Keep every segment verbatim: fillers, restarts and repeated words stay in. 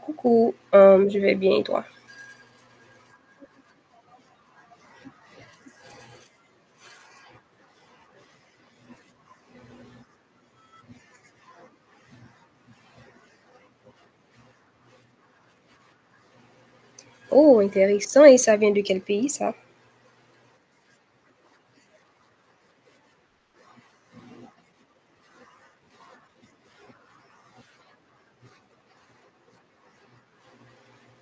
Coucou, hem, je vais bien et toi? Oh, intéressant et ça vient de quel pays ça?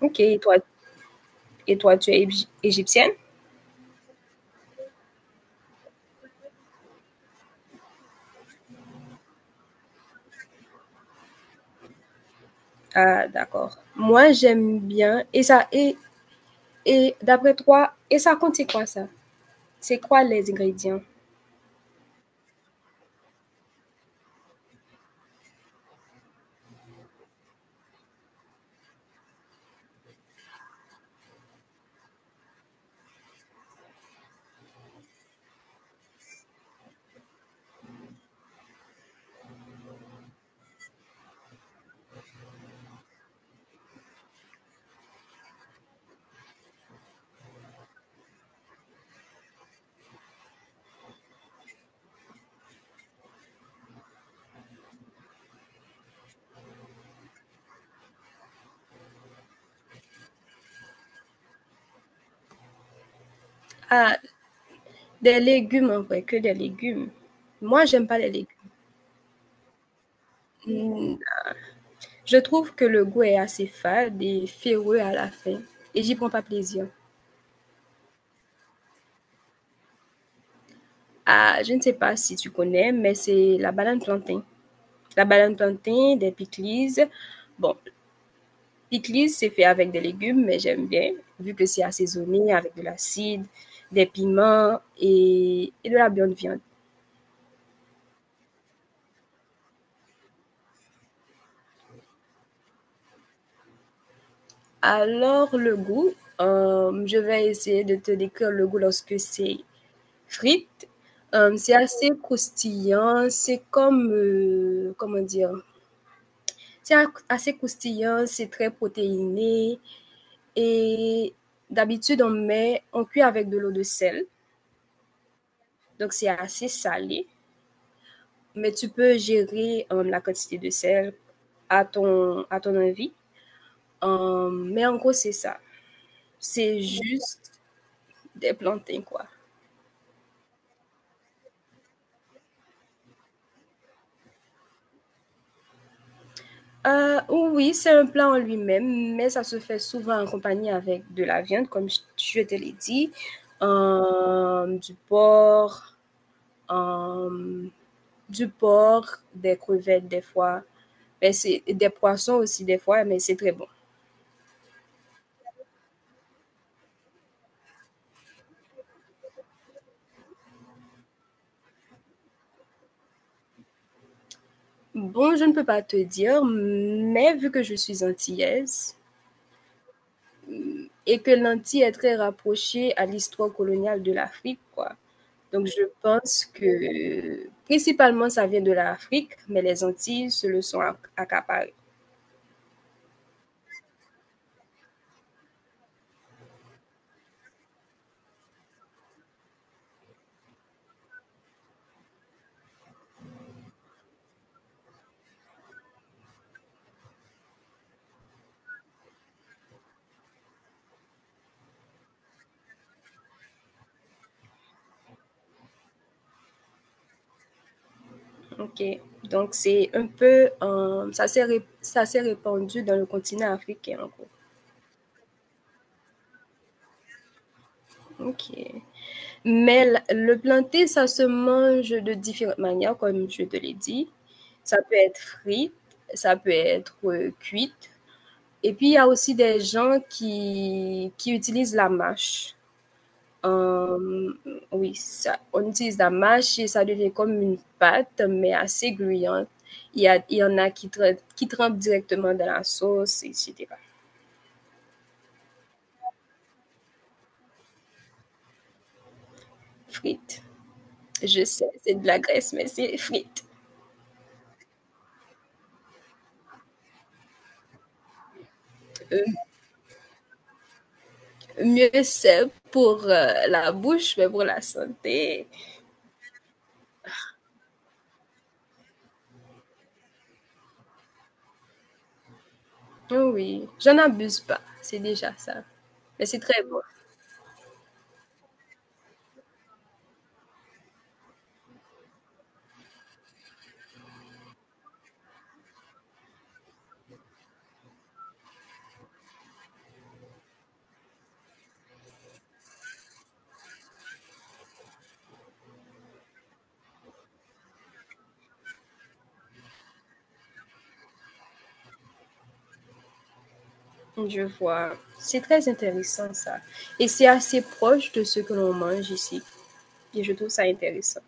OK. Et toi, et toi tu es égip égyptienne? Ah, d'accord. Moi j'aime bien et ça et et d'après toi et ça contient quoi ça? C'est quoi les ingrédients? Ah, des légumes en vrai, que des légumes. Moi j'aime pas les légumes. Mmh, je trouve que le goût est assez fade et ferreux à la fin et j'y prends pas plaisir. Ah, je ne sais pas si tu connais, mais c'est la banane plantain. La banane plantain, des pickles. Bon, pickles, c'est fait avec des légumes, mais j'aime bien, vu que c'est assaisonné avec de l'acide, des piments et, et de la bonne viande. Alors, le goût, euh, je vais essayer de te décrire le goût lorsque c'est frites. Euh, c'est assez croustillant, c'est comme, euh, comment dire, c'est assez croustillant, c'est très protéiné. Et d'habitude, on met, on cuit avec de l'eau de sel. Donc, c'est assez salé, mais tu peux gérer euh, la quantité de sel à ton, à ton envie. Euh, mais en gros, c'est ça. C'est juste des plantains, quoi. Euh, oui, c'est un plat en lui-même, mais ça se fait souvent en compagnie avec de la viande, comme je, je te l'ai dit, euh, du porc, euh, du porc, des crevettes des fois, mais c'est des poissons aussi des fois, mais c'est très bon. Bon, je ne peux pas te dire, mais vu que je suis antillaise, hum, et que l'Antille est très rapprochée à l'histoire coloniale de l'Afrique, quoi. Donc, je pense que principalement, ça vient de l'Afrique, mais les Antilles se le sont acc- accaparées. OK. Donc, c'est un peu, euh, ça s'est ré- ça s'est répandu dans le continent africain, en gros. OK. Mais la- le planté, ça se mange de différentes manières, comme je te l'ai dit. Ça peut être frit, ça peut être euh, cuite. Et puis, il y a aussi des gens qui, qui utilisent la mâche. Euh, oui, ça, on utilise la mâche et ça devient comme une pâte, mais assez gluante. Il y a, il y en a qui, tra- qui trempent directement dans la sauce, et etc. Frites. Je sais, c'est de la graisse, mais c'est frites. Euh, Mieux c'est pour euh, la bouche, mais pour la santé. Oh oui, j'en abuse pas, c'est déjà ça. Mais c'est très bon. Je vois. C'est très intéressant ça. Et c'est assez proche de ce que l'on mange ici. Et je trouve ça intéressant.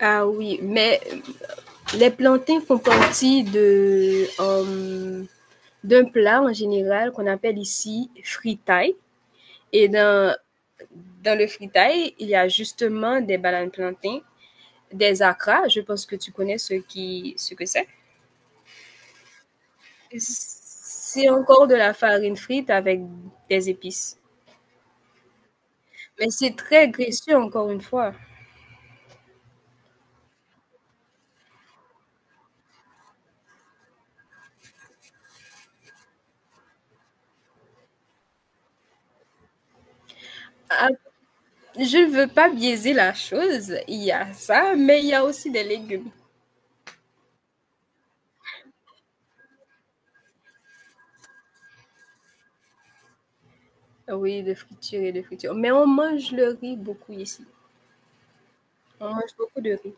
Ah oui, mais les plantains font partie de euh, d'un plat en général qu'on appelle ici fritaille. Et dans, dans le fritaille, il y a justement des bananes plantains des acras. Je pense que tu connais ce, qui, ce que c'est. C'est encore de la farine frite avec des épices. Mais c'est très graisseux, encore une fois. Ah, je ne veux pas biaiser la chose. Il y a ça, mais il y a aussi des légumes. Oui, de friture et de friture. Mais on mange le riz beaucoup ici. On mange beaucoup de riz.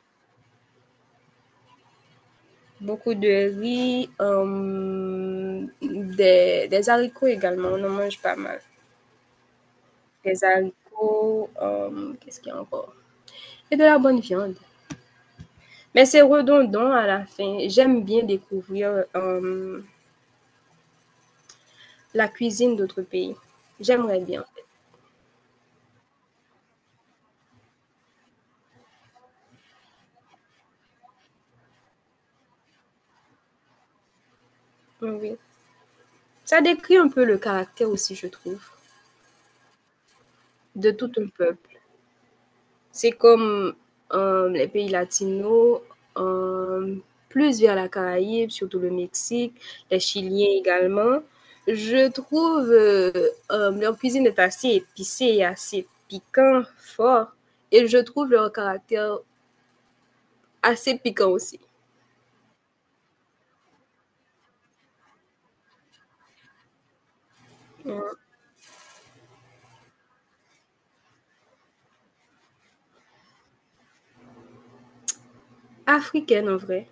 Beaucoup de riz, euh, des, des haricots également. On en mange pas mal. Des haricots, euh, qu'est-ce qu'il y a encore? Et de la bonne viande. Mais c'est redondant à la fin. J'aime bien découvrir euh, la cuisine d'autres pays. J'aimerais bien. Oui, oui. Ça décrit un peu le caractère aussi, je trouve, de tout un peuple. C'est comme euh, les pays latinos, euh, plus vers la Caraïbe, surtout le Mexique, les Chiliens également. Je trouve euh, euh, leur cuisine est assez épicée et assez piquant, fort. Et je trouve leur caractère assez piquant aussi. Euh, Africaine en vrai.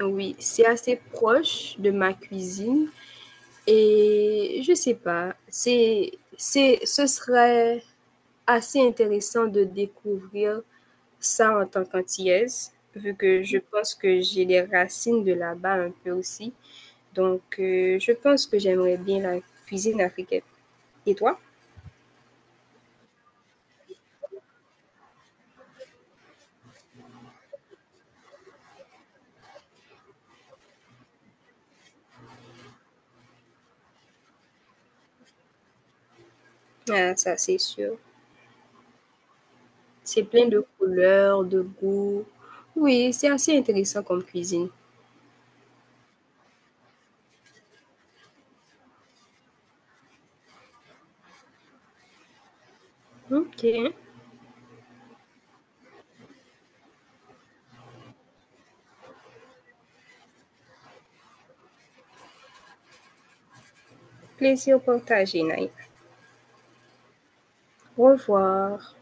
Oui, c'est assez proche de ma cuisine et je sais pas, c'est c'est ce serait assez intéressant de découvrir ça en tant qu'antillaise vu que je pense que j'ai les racines de là-bas un peu aussi. Donc euh, je pense que j'aimerais bien la cuisine africaine. Et toi? Ah, ça c'est sûr. C'est plein de couleurs, de goûts. Oui, c'est assez intéressant comme cuisine. OK. Plaisir partagé, Naïf. Au revoir.